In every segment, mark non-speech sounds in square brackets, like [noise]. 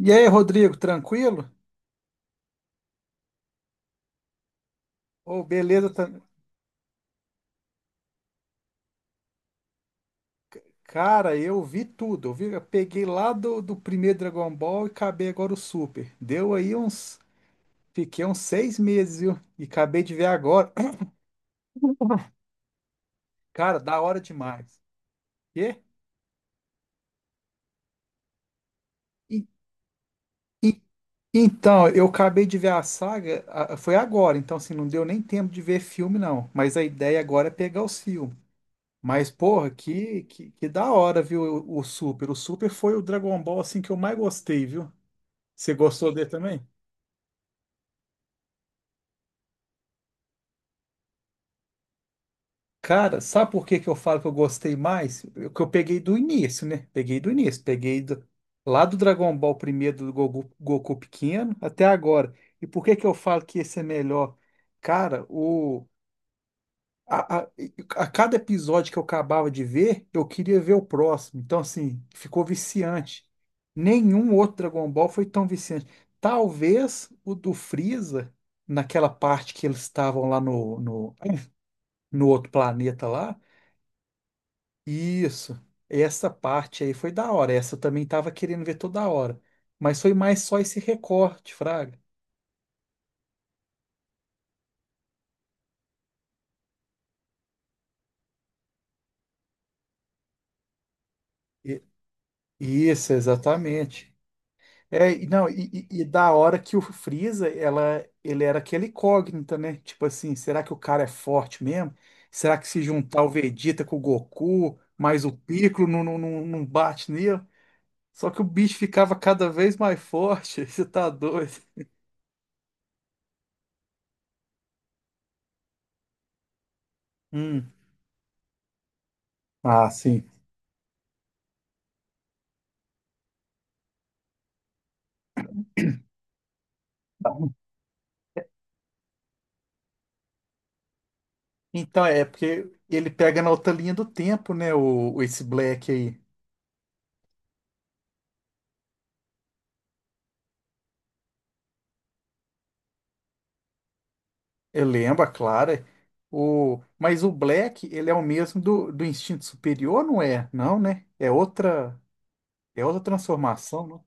E aí, Rodrigo, tranquilo? Ô, beleza. Cara, eu vi tudo. Eu peguei lá do primeiro Dragon Ball e acabei agora o Super. Deu aí uns. Fiquei uns seis meses, viu? E acabei de ver agora. [coughs] Cara, da hora demais. Quê? E- e- Então, eu acabei de ver a saga, foi agora, então assim, não deu nem tempo de ver filme, não. Mas a ideia agora é pegar os filmes. Mas, porra, que da hora, viu, o Super. O Super foi o Dragon Ball, assim, que eu mais gostei, viu? Você gostou dele também? Cara, sabe por que que eu falo que eu gostei mais? Que eu peguei do início, né? Peguei do início, lá do Dragon Ball primeiro do Goku, Goku pequeno até agora. E por que que eu falo que esse é melhor? Cara, a, a, a cada episódio que eu acabava de ver, eu queria ver o próximo. Então, assim, ficou viciante. Nenhum outro Dragon Ball foi tão viciante. Talvez o do Freeza, naquela parte que eles estavam lá no outro planeta lá. Isso. Essa parte aí foi da hora. Essa eu também tava querendo ver toda hora. Mas foi mais só esse recorte, Fraga. E- Isso, exatamente. É, e não, e da hora que o Freeza, ele era aquele incógnita, né? Tipo assim, será que o cara é forte mesmo? Será que se juntar o Vegeta com o Goku, mais o Piccolo, não bate nele? Só que o bicho ficava cada vez mais forte. [laughs] Você tá doido? Hum. Ah, sim. Então, é porque ele pega na outra linha do tempo, né? Esse Black aí. Eu lembro, a Clara. O, mas o Black, ele é o mesmo do instinto superior, não é? Não, né? É outra transformação, não?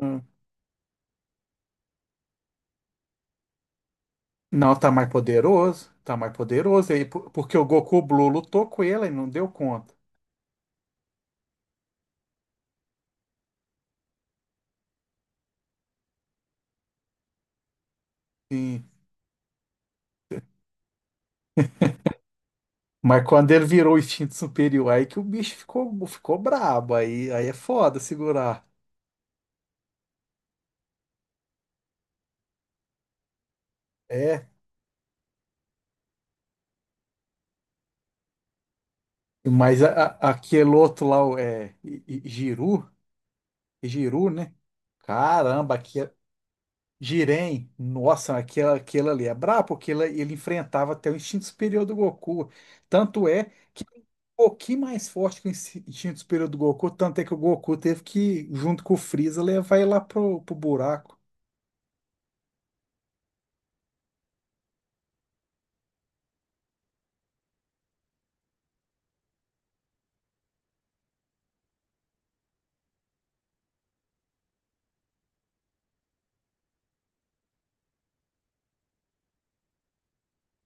Hum. Não, tá mais poderoso. Tá mais poderoso aí, porque o Goku Blue lutou com ele e não deu conta. Sim. Mas quando ele virou o instinto superior, aí que o bicho ficou, ficou brabo. Aí é foda segurar. É. Mas a- aquele outro lá, o, é, I- I- Giru, é Giru, né? Caramba, aquele, Jiren, nossa, aquela ali é brabo, porque ele enfrentava até o instinto superior do Goku. Tanto é que ele é um pouquinho mais forte que o instinto superior do Goku, tanto é que o Goku teve que, junto com o Freeza, levar ele lá pro buraco.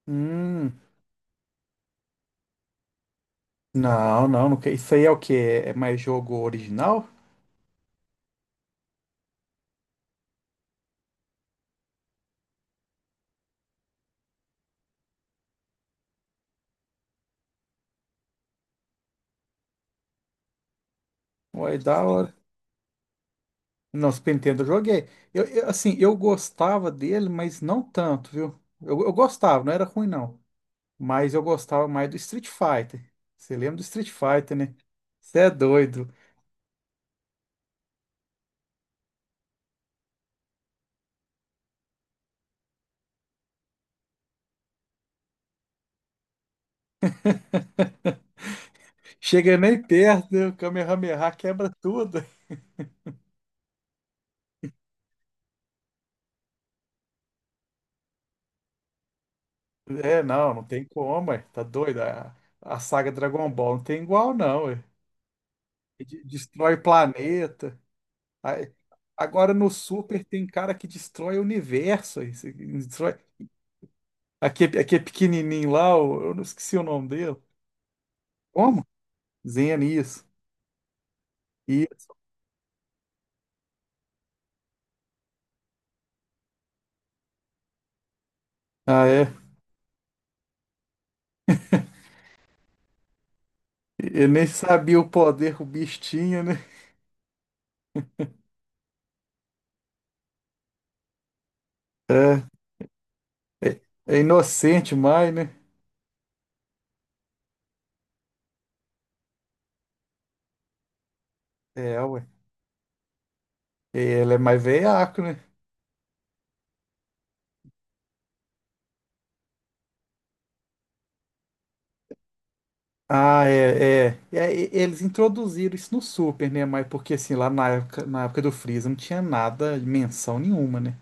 Hum, não, não, não, isso aí é o quê? É mais jogo original? Vai dar Não, Super Nintendo eu joguei. Assim, eu gostava dele, mas não tanto, viu? Eu gostava, não era ruim não. Mas eu gostava mais do Street Fighter. Você lembra do Street Fighter, né? Você é doido. Chega nem perto, né? O Kamehameha quebra tudo. [laughs] É, não, não tem como, ué. Tá doido. A saga Dragon Ball não tem igual, não, ué. Destrói planeta. Aí- Agora no Super tem cara que destrói o universo, ué. Você destrói... Aqui, aqui é pequenininho lá, eu não esqueci o nome dele. Como? Zenias. Isso. Ah, é. Eu nem sabia o poder que o bicho tinha, né? É, é inocente mais, né? É, ué. Ele é mais veiaco, né? É, eles introduziram isso no Super, né? Mas porque assim, lá na época do Freeza não tinha nada, menção nenhuma, né?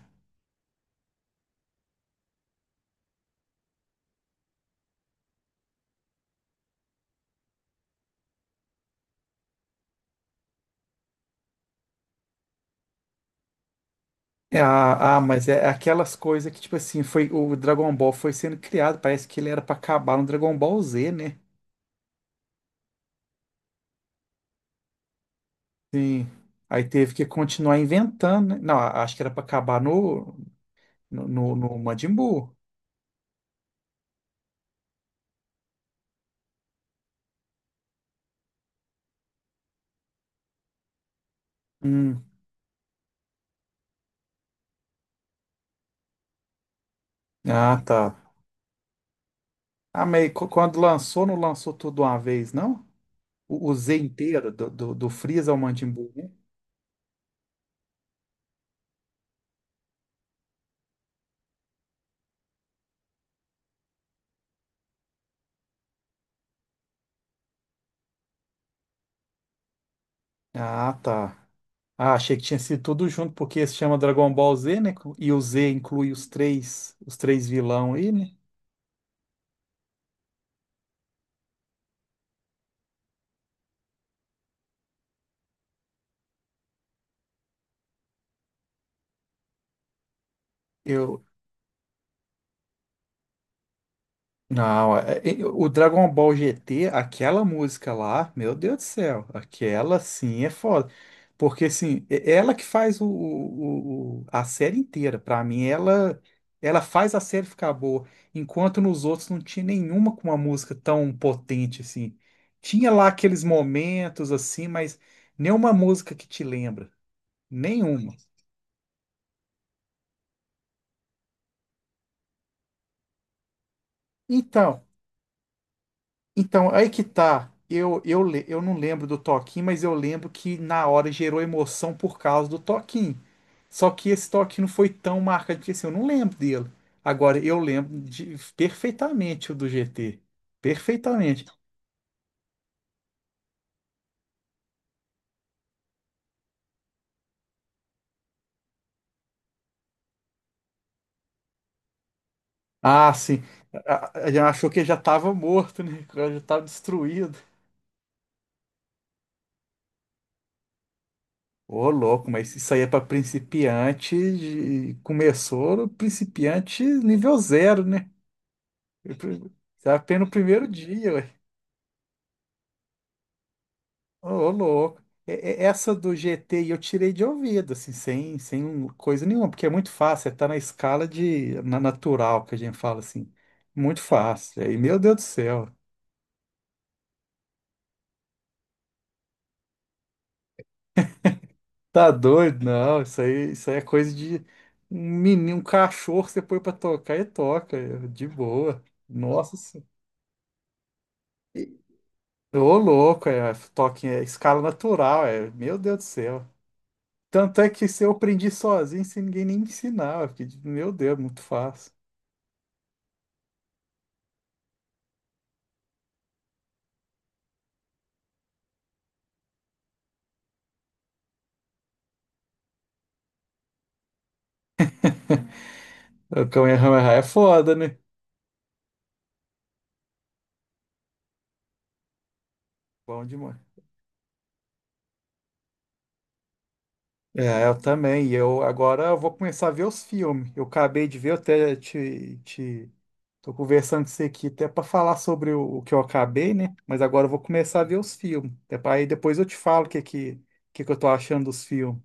É, mas é aquelas coisas que, tipo assim, foi, o Dragon Ball foi sendo criado, parece que ele era pra acabar no Dragon Ball Z, né? Sim. Aí teve que continuar inventando, né? Não, acho que era para acabar no Majin Buu. Hum. Ah, tá. Ah, mas quando lançou, não lançou tudo uma vez, não? O Z inteiro, do Freeza ao Majin Buu, né? Ah, tá. Ah, achei que tinha sido tudo junto, porque se chama Dragon Ball Z, né? E o Z inclui os três vilão aí, né? Eu, não, o Dragon Ball GT, aquela música lá, meu Deus do céu, aquela sim é foda. Porque assim, é ela que faz o, a série inteira. Pra mim, ela faz a série ficar boa. Enquanto nos outros não tinha nenhuma com uma música tão potente assim. Tinha lá aqueles momentos assim, mas nenhuma música que te lembra. Nenhuma. Então. Então, aí que tá. Eu não lembro do toquinho, mas eu lembro que na hora gerou emoção por causa do toquinho. Só que esse toquinho não foi tão marcante, porque assim, eu não lembro dele. Agora, eu lembro de, perfeitamente o do GT. Perfeitamente. Ah, sim. Já achou que já estava morto, né? [laughs] Que já estava destruído. Ô, louco, mas isso aí é pra principiante. Começou no principiante nível zero, né? Você aprende no primeiro dia. Ô, louco. Essa do GT eu tirei de ouvido, assim, sem um, coisa nenhuma, porque é muito fácil, é tá na escala de, na natural que a gente fala, assim. Muito fácil. Aí, meu Deus do céu, tá doido? Não, isso aí é coisa de um menino, um cachorro, que você põe pra tocar e toca, é, de boa. Nossa Senhora. E- Ô, louco, é, toque, é escala natural, é, meu Deus do céu. Tanto é que se eu aprendi sozinho, sem ninguém nem me ensinar, eu fiquei de- meu Deus, muito fácil. O Kamehameha é foda, né? Bom demais. É, eu também. E eu agora eu vou começar a ver os filmes. Eu acabei de ver, eu até te tô conversando com você aqui até para falar sobre o que eu acabei, né? Mas agora eu vou começar a ver os filmes. É para aí depois eu te falo que eu tô achando dos filmes.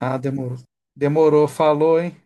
Ah, demorou. Demorou, falou, hein?